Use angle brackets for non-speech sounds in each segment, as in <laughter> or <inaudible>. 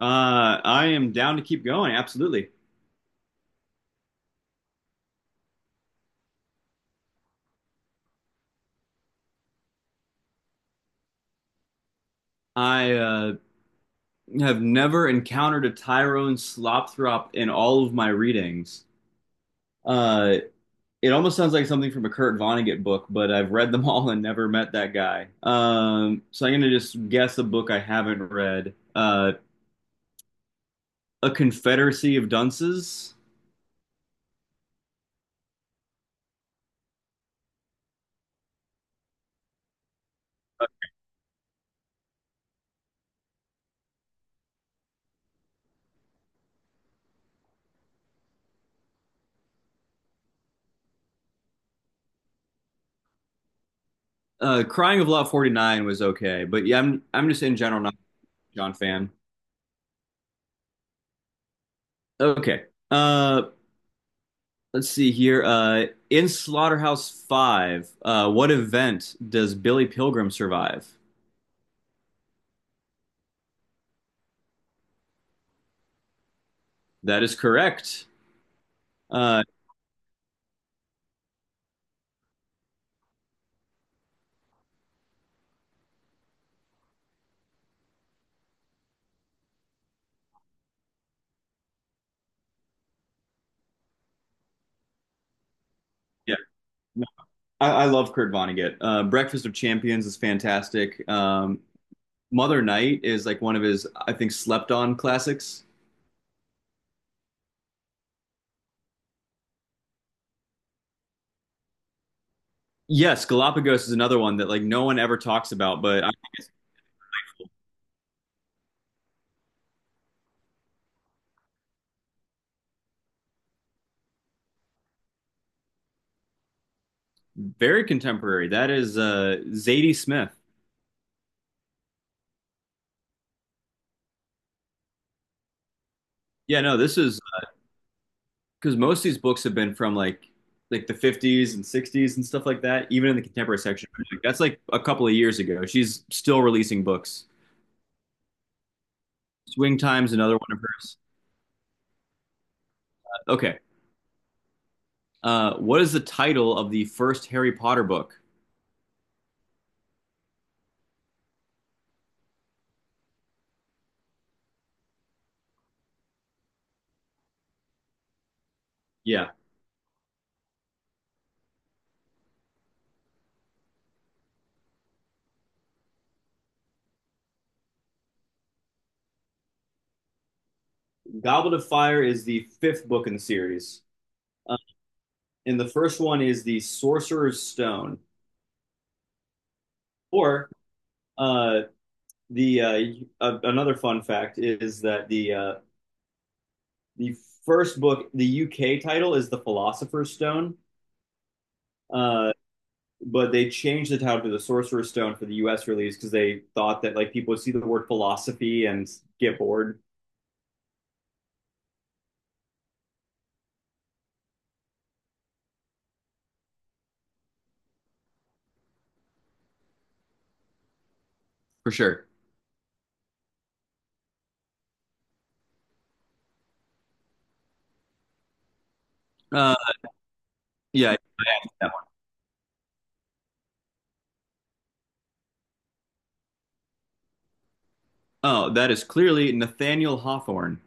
I am down to keep going. Absolutely. I have never encountered a Tyrone Slopthrop in all of my readings. Uh, it almost sounds like something from a Kurt Vonnegut book, but I've read them <laughs> all and never met that guy. So I'm going to just guess a book I haven't read. A Confederacy of Dunces. Crying of Lot 49 was okay, but yeah, I'm just in general not a John fan. Okay. Uh, Let's see here. In Slaughterhouse Five, what event does Billy Pilgrim survive? That is correct. Uh, yeah, No, I love Kurt Vonnegut. Breakfast of Champions is fantastic. Mother Night is like one of his, I think, slept on classics. Yes, Galapagos is another one that like no one ever talks about, but I, very contemporary. That is Zadie Smith. Yeah, no, this is because most of these books have been from like the 50s and 60s and stuff like that, even in the contemporary section. Like, that's like a couple of years ago, she's still releasing books. Swing time's another one of hers. Okay, what is the title of the first Harry Potter book? Yeah, goblet of fire is the fifth book in the series. uh, and the first one is the Sorcerer's Stone. Or uh, the Another fun fact is that the first book, the UK title, is the Philosopher's Stone. Uh, but they changed the title to the Sorcerer's Stone for the U.S. release because they thought that like people would see the word philosophy and get bored. For sure. Uh, yeah, that one. Oh, that is clearly Nathaniel Hawthorne.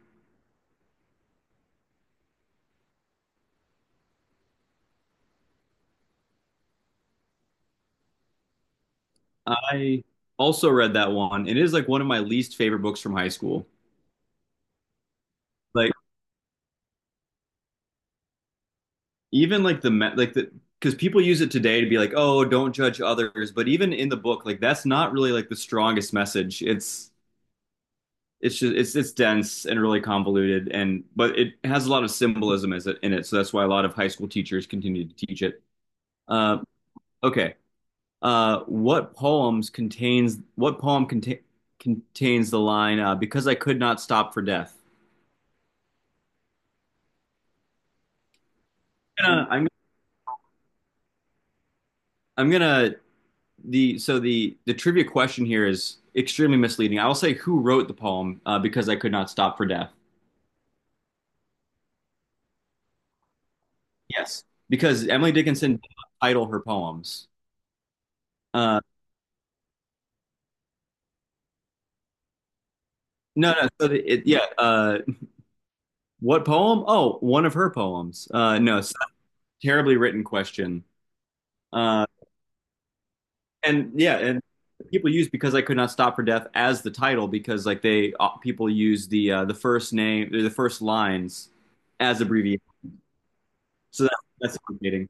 I also read that one. It is like one of my least favorite books from high school. Like even like the because people use it today to be like, oh, don't judge others. But even in the book, like that's not really like the strongest message. It's just it's dense and really convoluted, and but it has a lot of symbolism as it, in it, so that's why a lot of high school teachers continue to teach it. uh, okay what poem contains the line because I could not stop for death? I'm I'm, I'm gonna the so the trivia question here is extremely misleading. I will say, who wrote the poem because I could not stop for death? Yes, because Emily Dickinson did not title her poems. Uh, no no so the, it, yeah What poem? Oh, one of her poems. No, it's not a terribly written question. Uh, and yeah, and People use because I could not stop for death as the title because like they people use the first name, the first lines, as abbreviation. So that, that's complicating.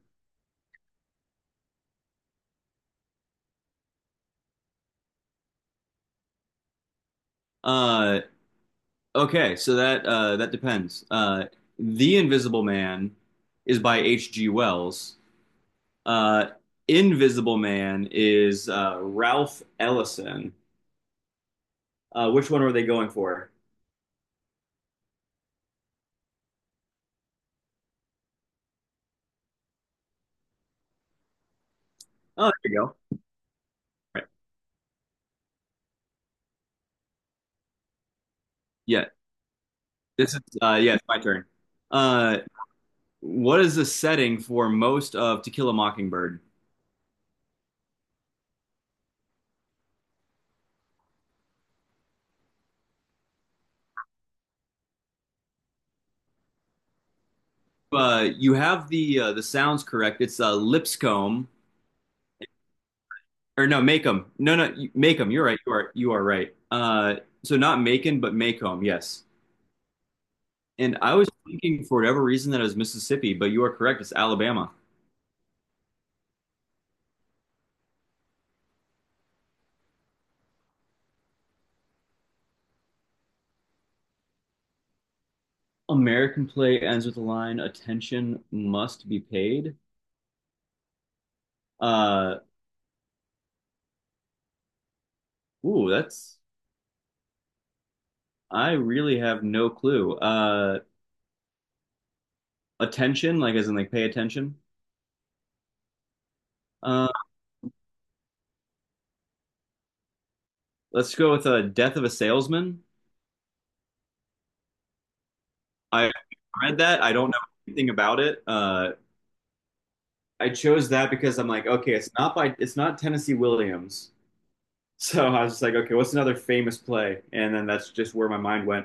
Uh, okay, so that that depends. The Invisible Man is by H.G. Wells. Uh, Invisible Man is Ralph Ellison. Which one were they going for? Oh, there you go. Right. Yeah. It's my turn. Uh what is the setting for most of To Kill a Mockingbird? You have the sounds correct. It's Lipscomb, or no, Macomb. No, no, you- Macomb. You're right. You are right. So not Macon but Macomb, yes. And I was thinking for whatever reason that it was Mississippi, but you are correct. It's Alabama. American play ends with the line attention must be paid. Uh ooh, that's I really have no clue. Attention, like as in like pay attention. Uh, let's go with Death of a Salesman. I read that. I don't know anything about it. I chose that because I'm like, okay, it's not Tennessee Williams. <laughs> So I was just like, okay, what's another famous play? And then that's just where my mind went.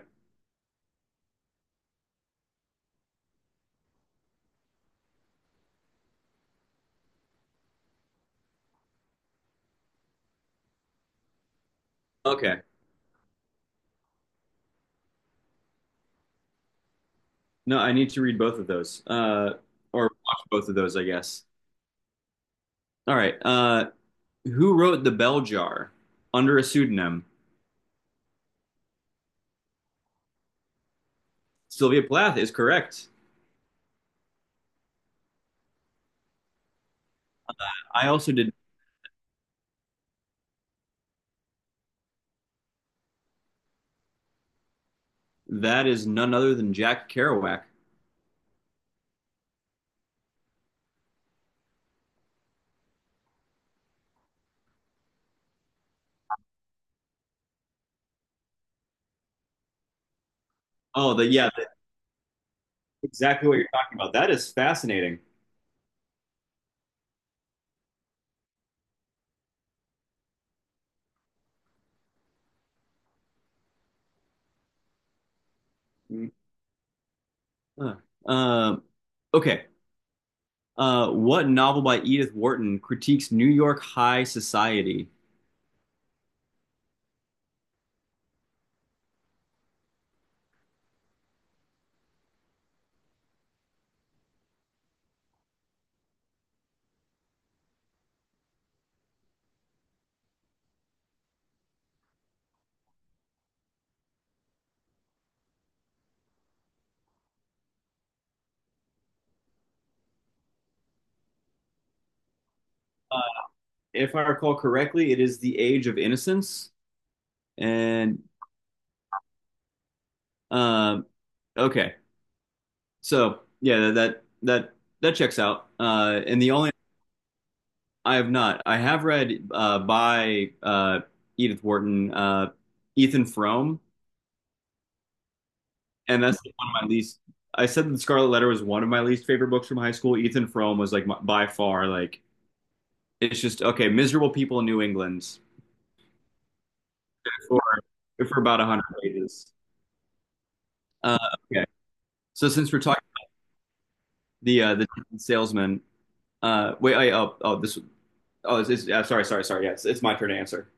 Okay, no, I need to read both of those, or watch both of those, I guess. All right. Who wrote The Bell Jar under a pseudonym? Sylvia Plath is correct. I also did. That is none other than Jack Kerouac. That's exactly what you're talking about. That is fascinating. Mm, uh, uh, okay. What novel by Edith Wharton critiques New York high society? Uh, if I recall correctly, it is The Age of Innocence. And uh, okay, so yeah, that checks out. And the only, I have not, I have read by Edith Wharton, Ethan Frome. And that's one of my least. I said the Scarlet Letter was one of my least favorite books from high school. Ethan Frome was like my, by far like it's just okay. Miserable people in New England for about a hundred pages. Uh, okay, so since we're talking the salesman, wait, I, oh oh this oh it's, sorry sorry sorry, yeah it's my turn to answer.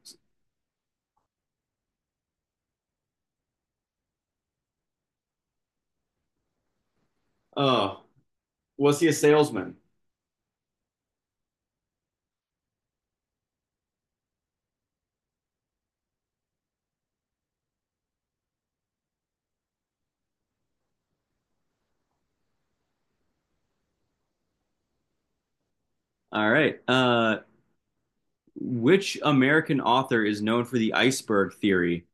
Oh, was he a salesman? All right. Which American author is known for the iceberg theory?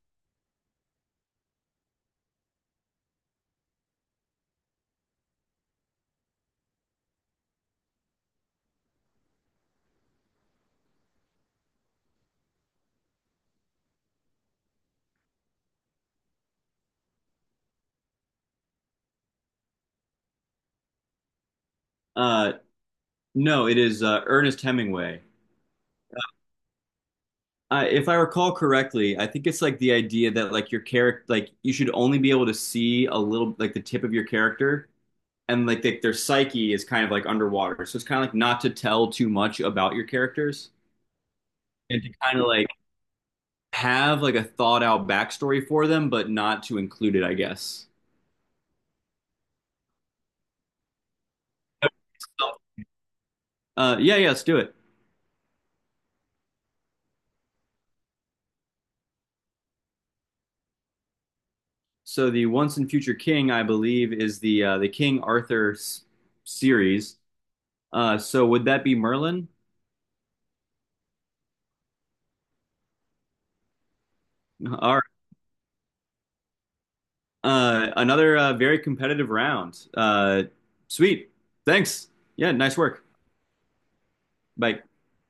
Uh, no, it is Ernest Hemingway. If I recall correctly, I think it's like the idea that like your character, like you should only be able to see a little, like the tip of your character, and like the, their psyche is kind of like underwater. So it's kind of like not to tell too much about your characters, and to kind of like have like a thought out backstory for them, but not to include it, I guess. Yeah, let's do it. So the Once and Future King, I believe, is the King Arthur s- series. So would that be Merlin? All another very competitive round. Sweet. Thanks. Yeah, nice work. Bye.